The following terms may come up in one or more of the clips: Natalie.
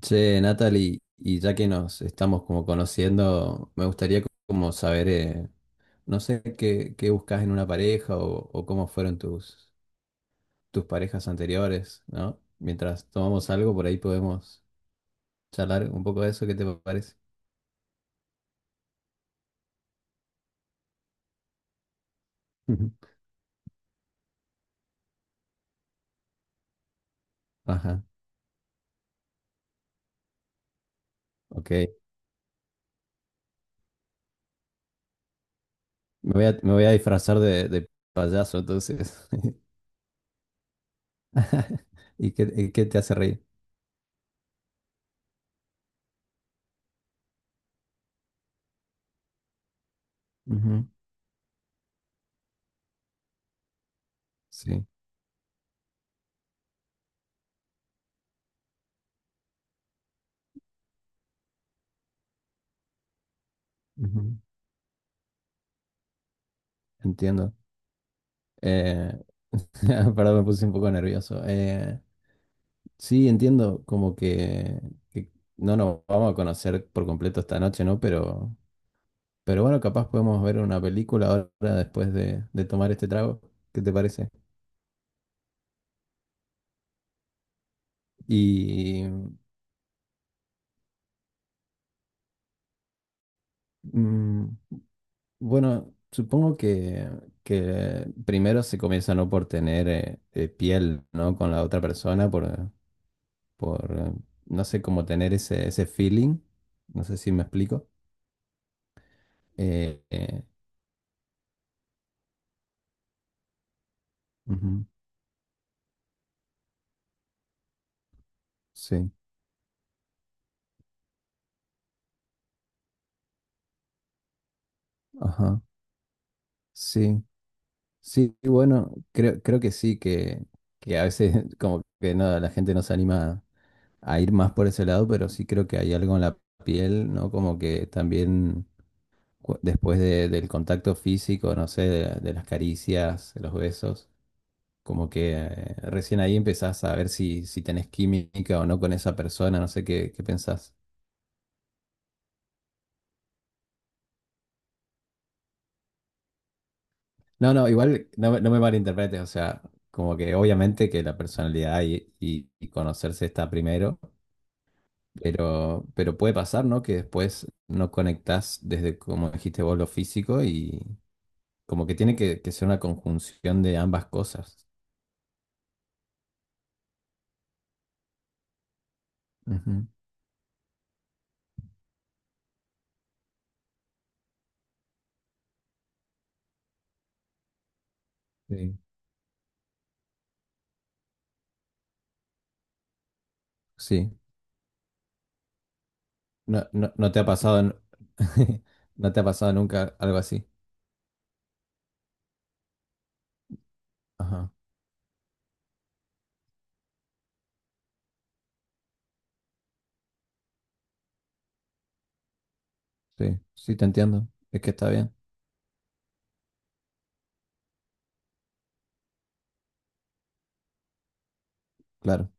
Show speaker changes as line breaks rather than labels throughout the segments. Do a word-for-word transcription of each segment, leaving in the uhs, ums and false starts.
Che, Natalie, y ya que nos estamos como conociendo, me gustaría co- como saber, eh, no sé, qué, qué buscas en una pareja o, o cómo fueron tus, tus parejas anteriores, ¿no? Mientras tomamos algo, por ahí podemos charlar un poco de eso, ¿qué te parece? Ujú. Ajá, ok. Me voy a, me voy a disfrazar de, de payaso, entonces. ¿Y qué, y qué te hace reír? Ujú. Sí, ujú. Entiendo. Eh, Perdón, me puse un poco nervioso. Eh, Sí, entiendo, como que, que no nos vamos a conocer por completo esta noche, ¿no? Pero, pero bueno, capaz podemos ver una película ahora después de, de tomar este trago. ¿Qué te parece? Y mm, bueno, supongo que, que primero se comienza no por tener eh, eh, piel, ¿no? Con la otra persona, por, por eh, no sé, cómo tener ese, ese feeling. No sé si me explico. Eh, eh, ujú, sí, ajá, sí. Sí, bueno, creo, creo que sí, que, que a veces como que no, la gente no se anima a ir más por ese lado, pero sí creo que hay algo en la piel, ¿no? Como que también cu- después de- del contacto físico, no sé, de, de las caricias, de los besos, como que eh, recién ahí empezás a ver si, si tenés química o no con esa persona, no sé qué, qué pensás. No, no, igual no, me no me malinterpretes, o sea, como que obviamente que la personalidad y, y y conocerse está primero. Pero, pero puede pasar, ¿no? Que después no conectás desde, como dijiste vos, lo físico y como que tiene que, que ser una conjunción de ambas cosas. Ujú. Sí. Sí. No, no, no te ha pasado, n- no te ha pasado nunca algo así. Ajá. Sí, sí, te entiendo. Es que está bien, claro.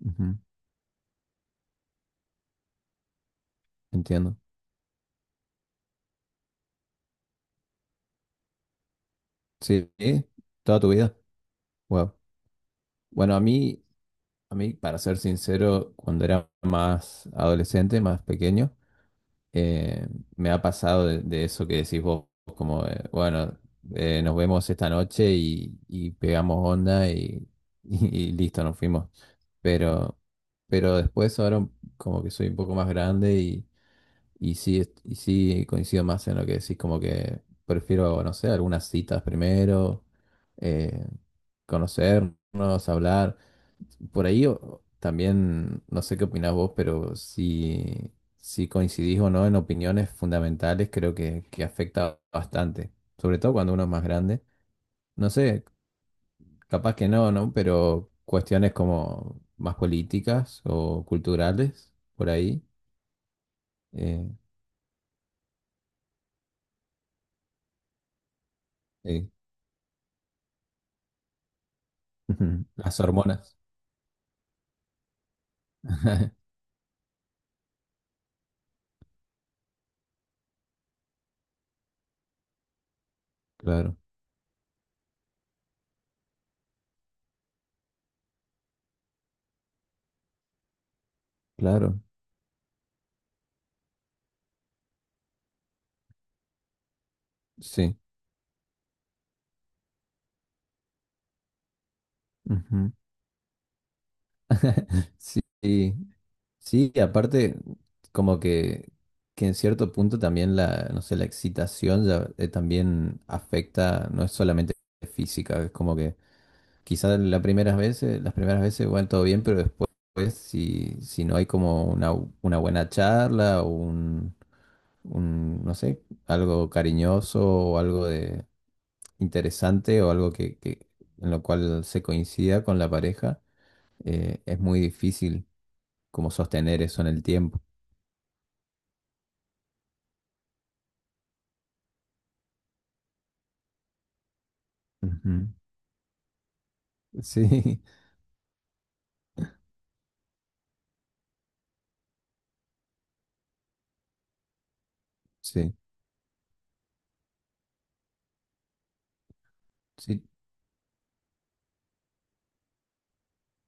Ujú. Entiendo. Sí, ¿eh? Toda tu vida. Wow. Bueno, a mí, a mí, para ser sincero, cuando era más adolescente, más pequeño, eh, me ha pasado de, de eso que decís vos, como, eh, bueno, eh, nos vemos esta noche y, y pegamos onda y, y y listo, nos fuimos. Pero, pero después ahora como que soy un poco más grande y, y sí, est- y sí coincido más en lo que decís, como que prefiero, no sé, algunas citas primero, eh, conocernos, hablar. Por ahí o- también, no sé qué opinás vos, pero si, si coincidís o no en opiniones fundamentales, creo que, que afecta bastante, sobre todo cuando uno es más grande. No sé, capaz que no, ¿no? Pero cuestiones como más políticas o culturales, por ahí. eh, sí. Las hormonas. Claro, claro, sí. Ujú. Sí, sí, y aparte, como que, que en cierto punto también la, no sé, la excitación ya, eh, también afecta, no es solamente física, es como que quizás las primeras veces, las primeras veces, bueno, todo bien, pero después, pues, si, si no hay como una, una buena charla o un, un, no sé, algo cariñoso o algo de interesante o algo que, que- en lo cual se coincida con la pareja, eh, es muy difícil como sostener eso en el tiempo. Ujú. Sí, sí, sí.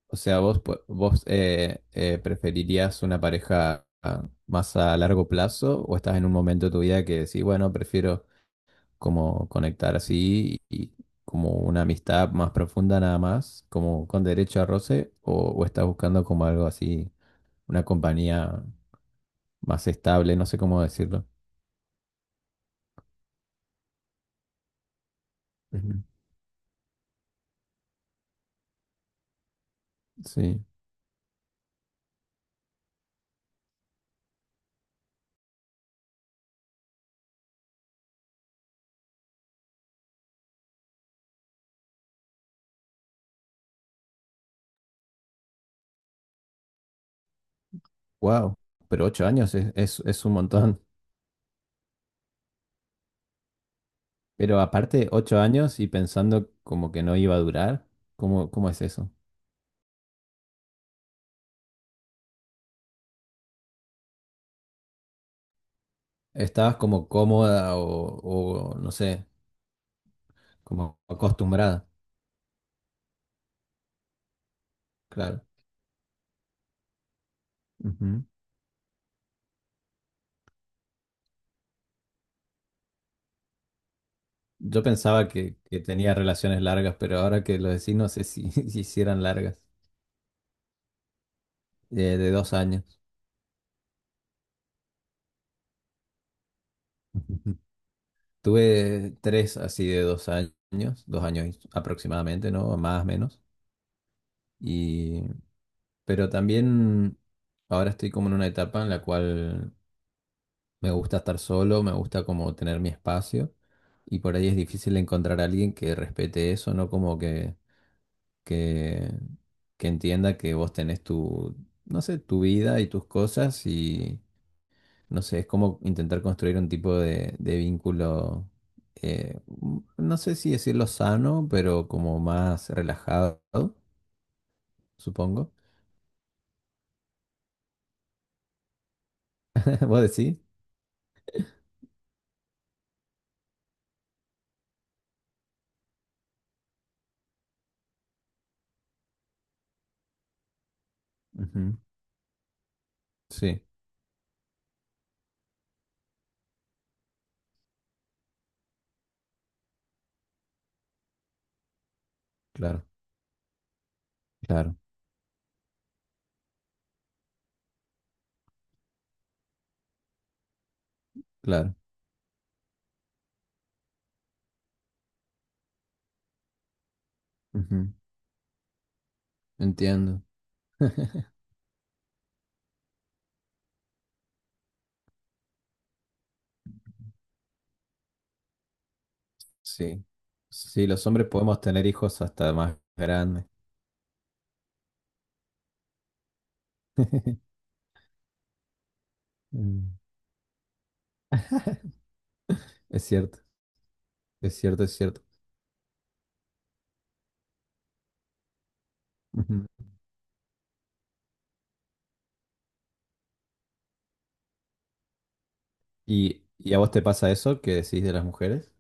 O sea, vos, pu- vos eh, eh, preferirías una pareja ah, más a largo plazo o estás en un momento de tu vida que decís, bueno, prefiero como conectar así y como una amistad más profunda nada más, como con derecho a roce, o, o estás buscando como algo así, una compañía más estable, no sé cómo decirlo. Ujú. Sí, wow, pero ocho años es, es, es un montón. Pero aparte, ocho años y pensando como que no iba a durar, ¿cómo, cómo es eso? Estabas como cómoda o, o, no sé, como acostumbrada, claro. Ujú. Yo pensaba que, que tenía relaciones largas, pero ahora que lo decís, no sé si, si hicieran largas, eh, de dos años. Ujú. Tuve tres así de dos años, dos años aproximadamente, ¿no? Más o menos. Y, pero también ahora estoy como en una etapa en la cual me gusta estar solo, me gusta como tener mi espacio y por ahí es difícil encontrar a alguien que respete eso, ¿no? Como que, que, que entienda que vos tenés tu, no sé, tu vida y tus cosas y, no sé, es como intentar construir un tipo de, de vínculo, eh, mm, no sé si decirlo sano, pero como más relajado, supongo. ¿Vos decís? Ujú. Sí, claro, claro, claro. Ujú. Entiendo. Sí, sí, los hombres podemos tener hijos hasta más grandes. Mm. Es cierto, es cierto, es cierto. Ujú. ¿Y, y a vos te pasa eso que decís de las mujeres?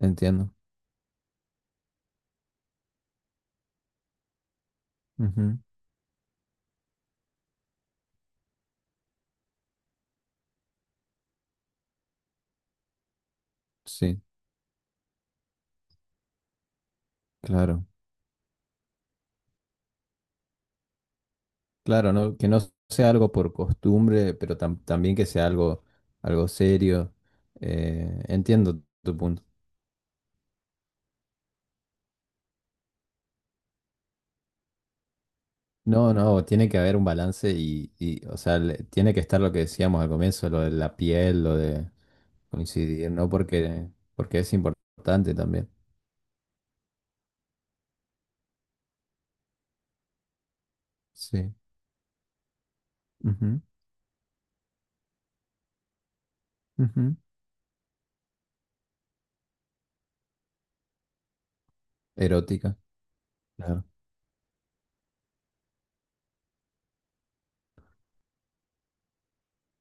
Entiendo. Ujú. Sí, claro. Claro, ¿no? Que no sea algo por costumbre, pero tam- también que sea algo, algo serio. Eh, entiendo tu punto. No, no, tiene que haber un balance y, y, o sea, le- tiene que estar lo que decíamos al comienzo, lo de la piel, lo de coincidir, ¿no? Porque, porque es importante también. Sí. Ujú, ujú. Erótica, claro.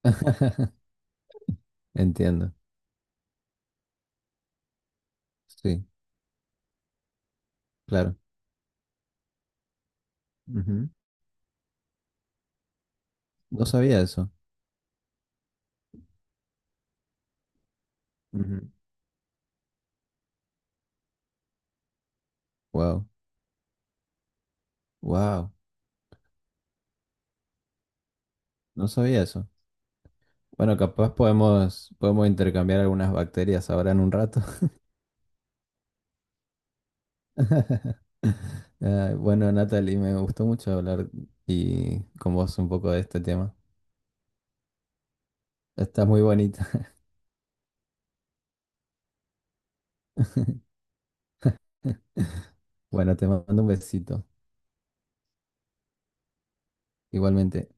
Entiendo. Sí, claro. Ujú. No sabía eso. Wow, wow. No sabía eso. Bueno, capaz podemos, podemos intercambiar algunas bacterias ahora en un rato. Ah, bueno, Natalie, me gustó mucho hablar y con vos un poco de este tema. Está muy bonita. Bueno, te mando un besito. Igualmente.